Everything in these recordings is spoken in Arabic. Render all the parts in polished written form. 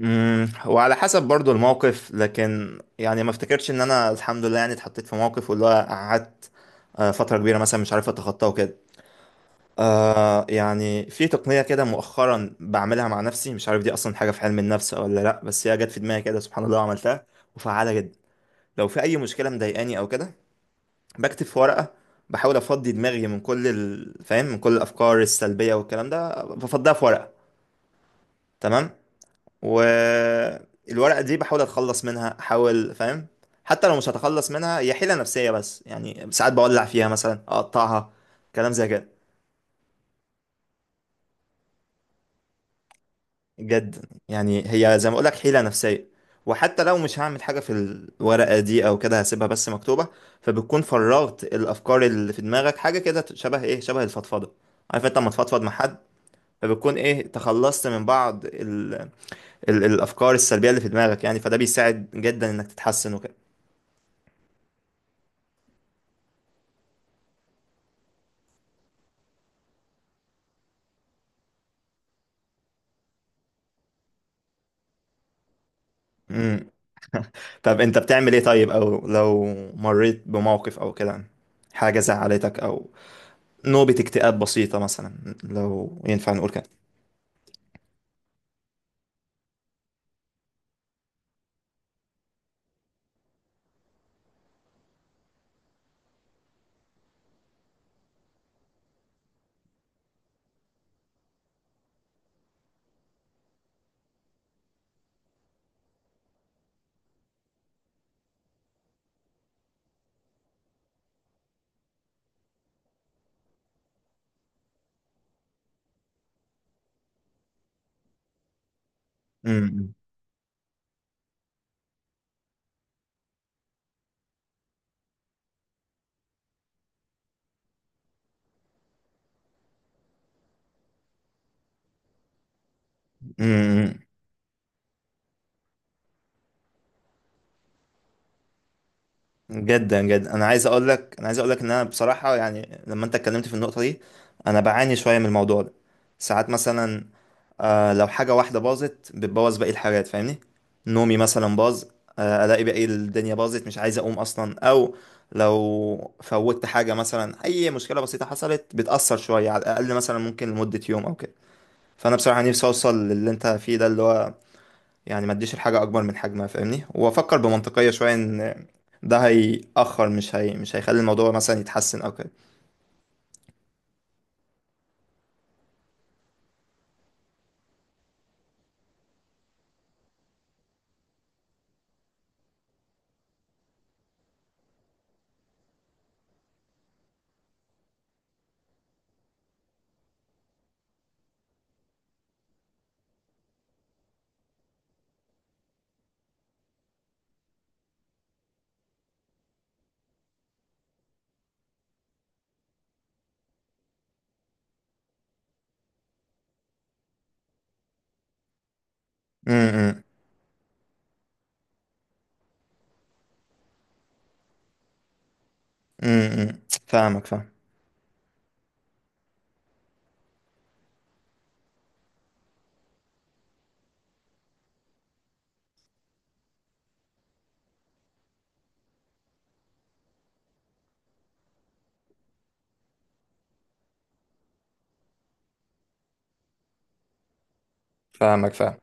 وعلى حسب برضو الموقف، لكن يعني ما افتكرش ان انا الحمد لله يعني اتحطيت في موقف واللي هو قعدت فترة كبيرة مثلا مش عارف اتخطاه وكده. يعني في تقنية كده مؤخرا بعملها مع نفسي، مش عارف دي اصلا حاجة في علم النفس ولا لا، بس هي جت في دماغي كده سبحان الله وعملتها، وفعالة جدا. لو في اي مشكلة مضايقاني او كده بكتب في ورقة، بحاول افضي دماغي من كل فاهم، من كل الافكار السلبية والكلام ده، بفضيها في ورقة. تمام. والورقة دي بحاول اتخلص منها، احاول، فاهم، حتى لو مش هتخلص منها هي حيلة نفسية، بس يعني ساعات بولع فيها مثلا، اقطعها، كلام زي كده. جد يعني هي زي ما اقولك حيلة نفسية، وحتى لو مش هعمل حاجة في الورقة دي او كده هسيبها بس مكتوبة، فبتكون فرغت الافكار اللي في دماغك. حاجة كده شبه ايه، شبه الفضفضة. عارف انت لما تفضفض مع حد، فبتكون ايه تخلصت من بعض الافكار السلبية اللي في دماغك. يعني فده بيساعد جدا انك تتحسن وكده. مم. طب انت بتعمل ايه طيب، او لو مريت بموقف او كده، حاجة زعلتك، او نوبة اكتئاب بسيطة مثلا لو ينفع نقول كده. امم. جدا جدا، انا عايز اقول لك، انا عايز اقول لك ان انا بصراحه يعني لما انت اتكلمت في النقطه دي انا بعاني شويه من الموضوع ده. ساعات مثلا لو حاجه واحده باظت بتبوظ باقي الحاجات، فاهمني، نومي مثلا باظ، الاقي باقي الدنيا باظت، مش عايز اقوم اصلا، او لو فوتت حاجه مثلا، اي مشكله بسيطه حصلت بتاثر شويه على الاقل مثلا، ممكن لمده يوم او كده. فانا بصراحه نفسي اوصل للي انت فيه ده، اللي هو يعني ما اديش الحاجة اكبر من حجمها، فاهمني، وافكر بمنطقية شوية ان ده هيأخر، مش هي مش هيخلي الموضوع مثلا يتحسن او كده. امم، امم. إمم، إمم. فاهمك فاهم. فاهمك فاهم.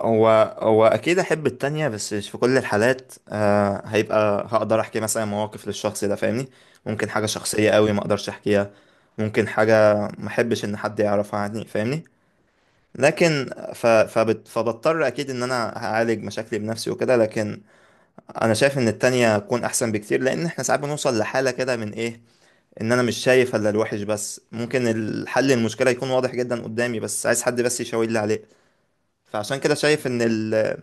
هو هو اكيد احب التانية، بس مش في كل الحالات. آه هيبقى هقدر احكي مثلا مواقف للشخص ده، فاهمني. ممكن حاجة شخصية قوي ما اقدرش احكيها، ممكن حاجة ما احبش ان حد يعرفها عني، فاهمني. لكن فبضطر اكيد ان انا هعالج مشاكلي بنفسي وكده. لكن انا شايف ان التانية تكون احسن بكتير، لان احنا ساعات بنوصل لحالة كده من ايه، ان انا مش شايف الا الوحش، بس ممكن الحل، المشكلة يكون واضح جدا قدامي، بس عايز حد بس يشاور لي عليه. فعشان كده شايف ان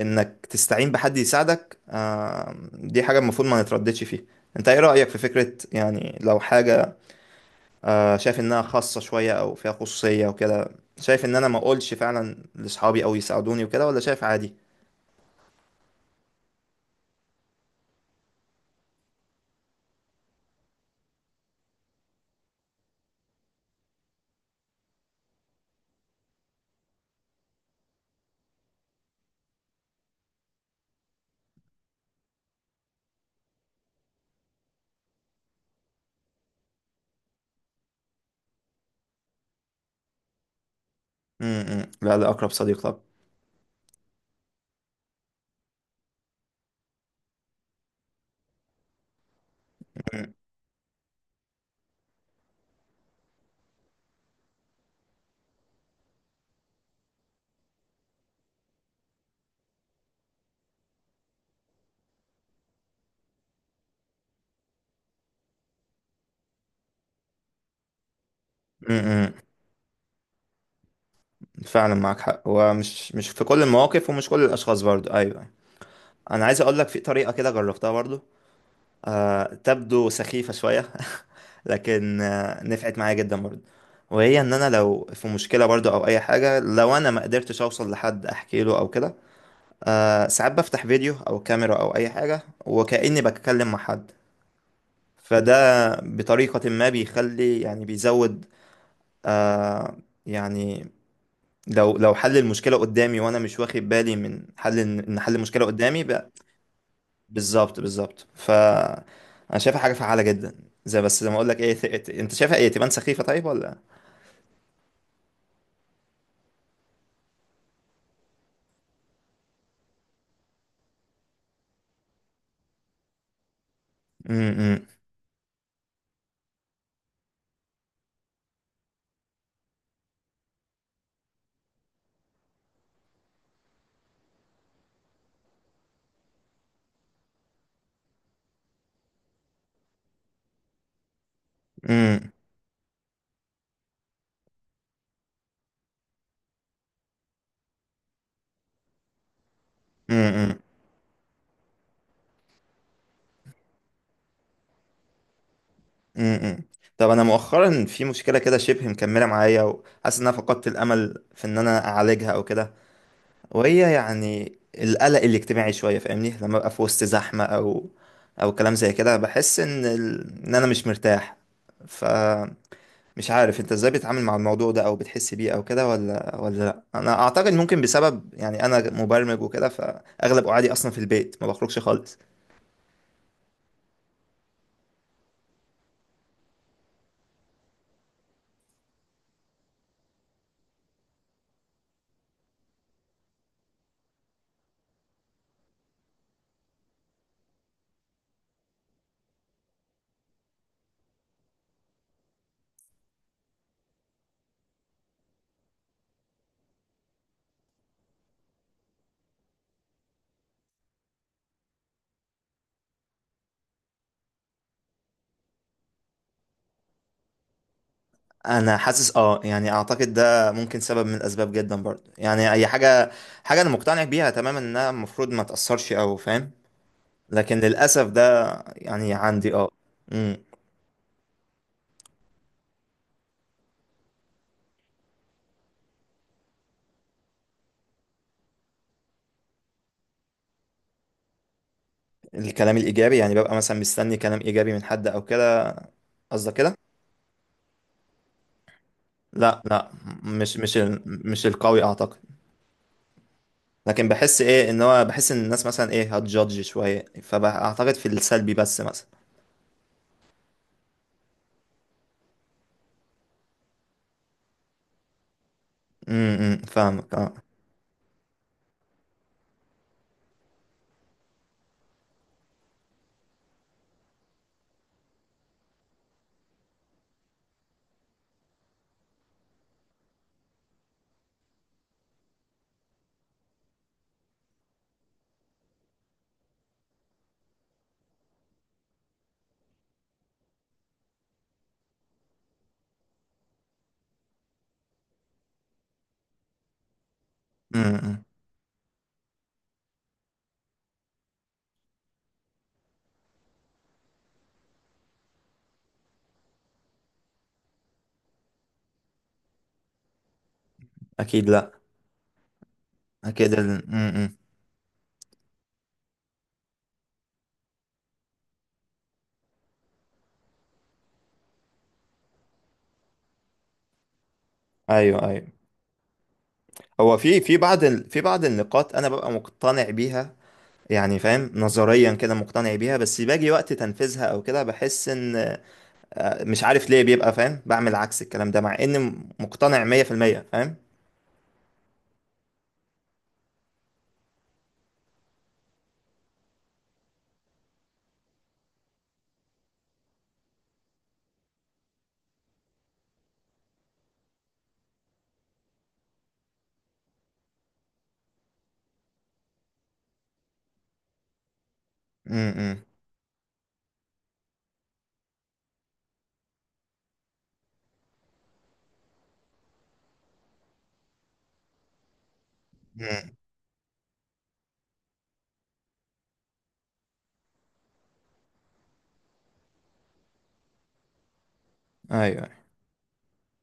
انك تستعين بحد يساعدك، آه دي حاجة المفروض ما نترددش فيها. انت ايه رأيك في فكرة، يعني لو حاجة آه شايف انها خاصة شوية او فيها خصوصية وكده، شايف ان انا ما اقولش فعلا لاصحابي او يساعدوني وكده، ولا شايف عادي؟ لا، لا، اقرب صديق. طب فعلا معاك حق، ومش مش في كل المواقف ومش كل الاشخاص برضو، ايوه. انا عايز اقول لك في طريقه كده جربتها برضو، تبدو سخيفه شويه لكن نفعت معايا جدا برضو. وهي ان انا لو في مشكله برضو او اي حاجه، لو انا ما قدرتش اوصل لحد احكي له او كده، ساعات بفتح فيديو او كاميرا او اي حاجه وكاني بتكلم مع حد. فده بطريقه ما بيخلي، يعني بيزود، آه يعني لو حل المشكلة قدامي وانا مش واخد بالي من حل، ان حل المشكلة قدامي بقى. بالظبط، بالظبط، ف انا شايفها حاجة فعالة جدا. زي بس زي ما اقول لك ايه، انت شايفها ايه، تبان سخيفة طيب ولا؟ امم. امم. امم. امم. طب انا مؤخرا في مشكلة كده شبه مكملة معايا، وحاسس ان انا فقدت الامل في ان انا اعالجها او كده، وهي يعني القلق الاجتماعي شوية، فاهمني، لما ابقى في وسط زحمة او او كلام زي كده بحس ان ان انا مش مرتاح. ف مش عارف انت ازاي بتتعامل مع الموضوع ده او بتحس بيه او كده، ولا لا انا اعتقد ممكن بسبب، يعني انا مبرمج وكده، فاغلب قعدي اصلا في البيت ما بخرجش خالص. انا حاسس اه يعني اعتقد ده ممكن سبب من الاسباب جدا برضه، يعني اي حاجه، حاجه انا مقتنع بيها تماما انها المفروض ما تاثرش، او فاهم، لكن للاسف ده يعني عندي امم. الكلام الايجابي، يعني ببقى مثلا مستني كلام ايجابي من حد او كده؟ قصدك كده؟ لا، لا، مش القوي اعتقد. لكن بحس ايه ان هو بحس ان الناس مثلا ايه هتجادج شويه، فاعتقد في السلبي بس مثلا. امم. فاهمك اه. امم. اكيد لا. اكيد. امم. ايوه، ايوه. هو في بعض في بعض النقاط انا ببقى مقتنع بيها، يعني فاهم نظريا كده مقتنع بيها، بس باجي وقت تنفيذها او كده بحس ان مش عارف ليه بيبقى فاهم، بعمل عكس الكلام ده مع اني مقتنع 100% فاهم. امم. ايوه. أيوة.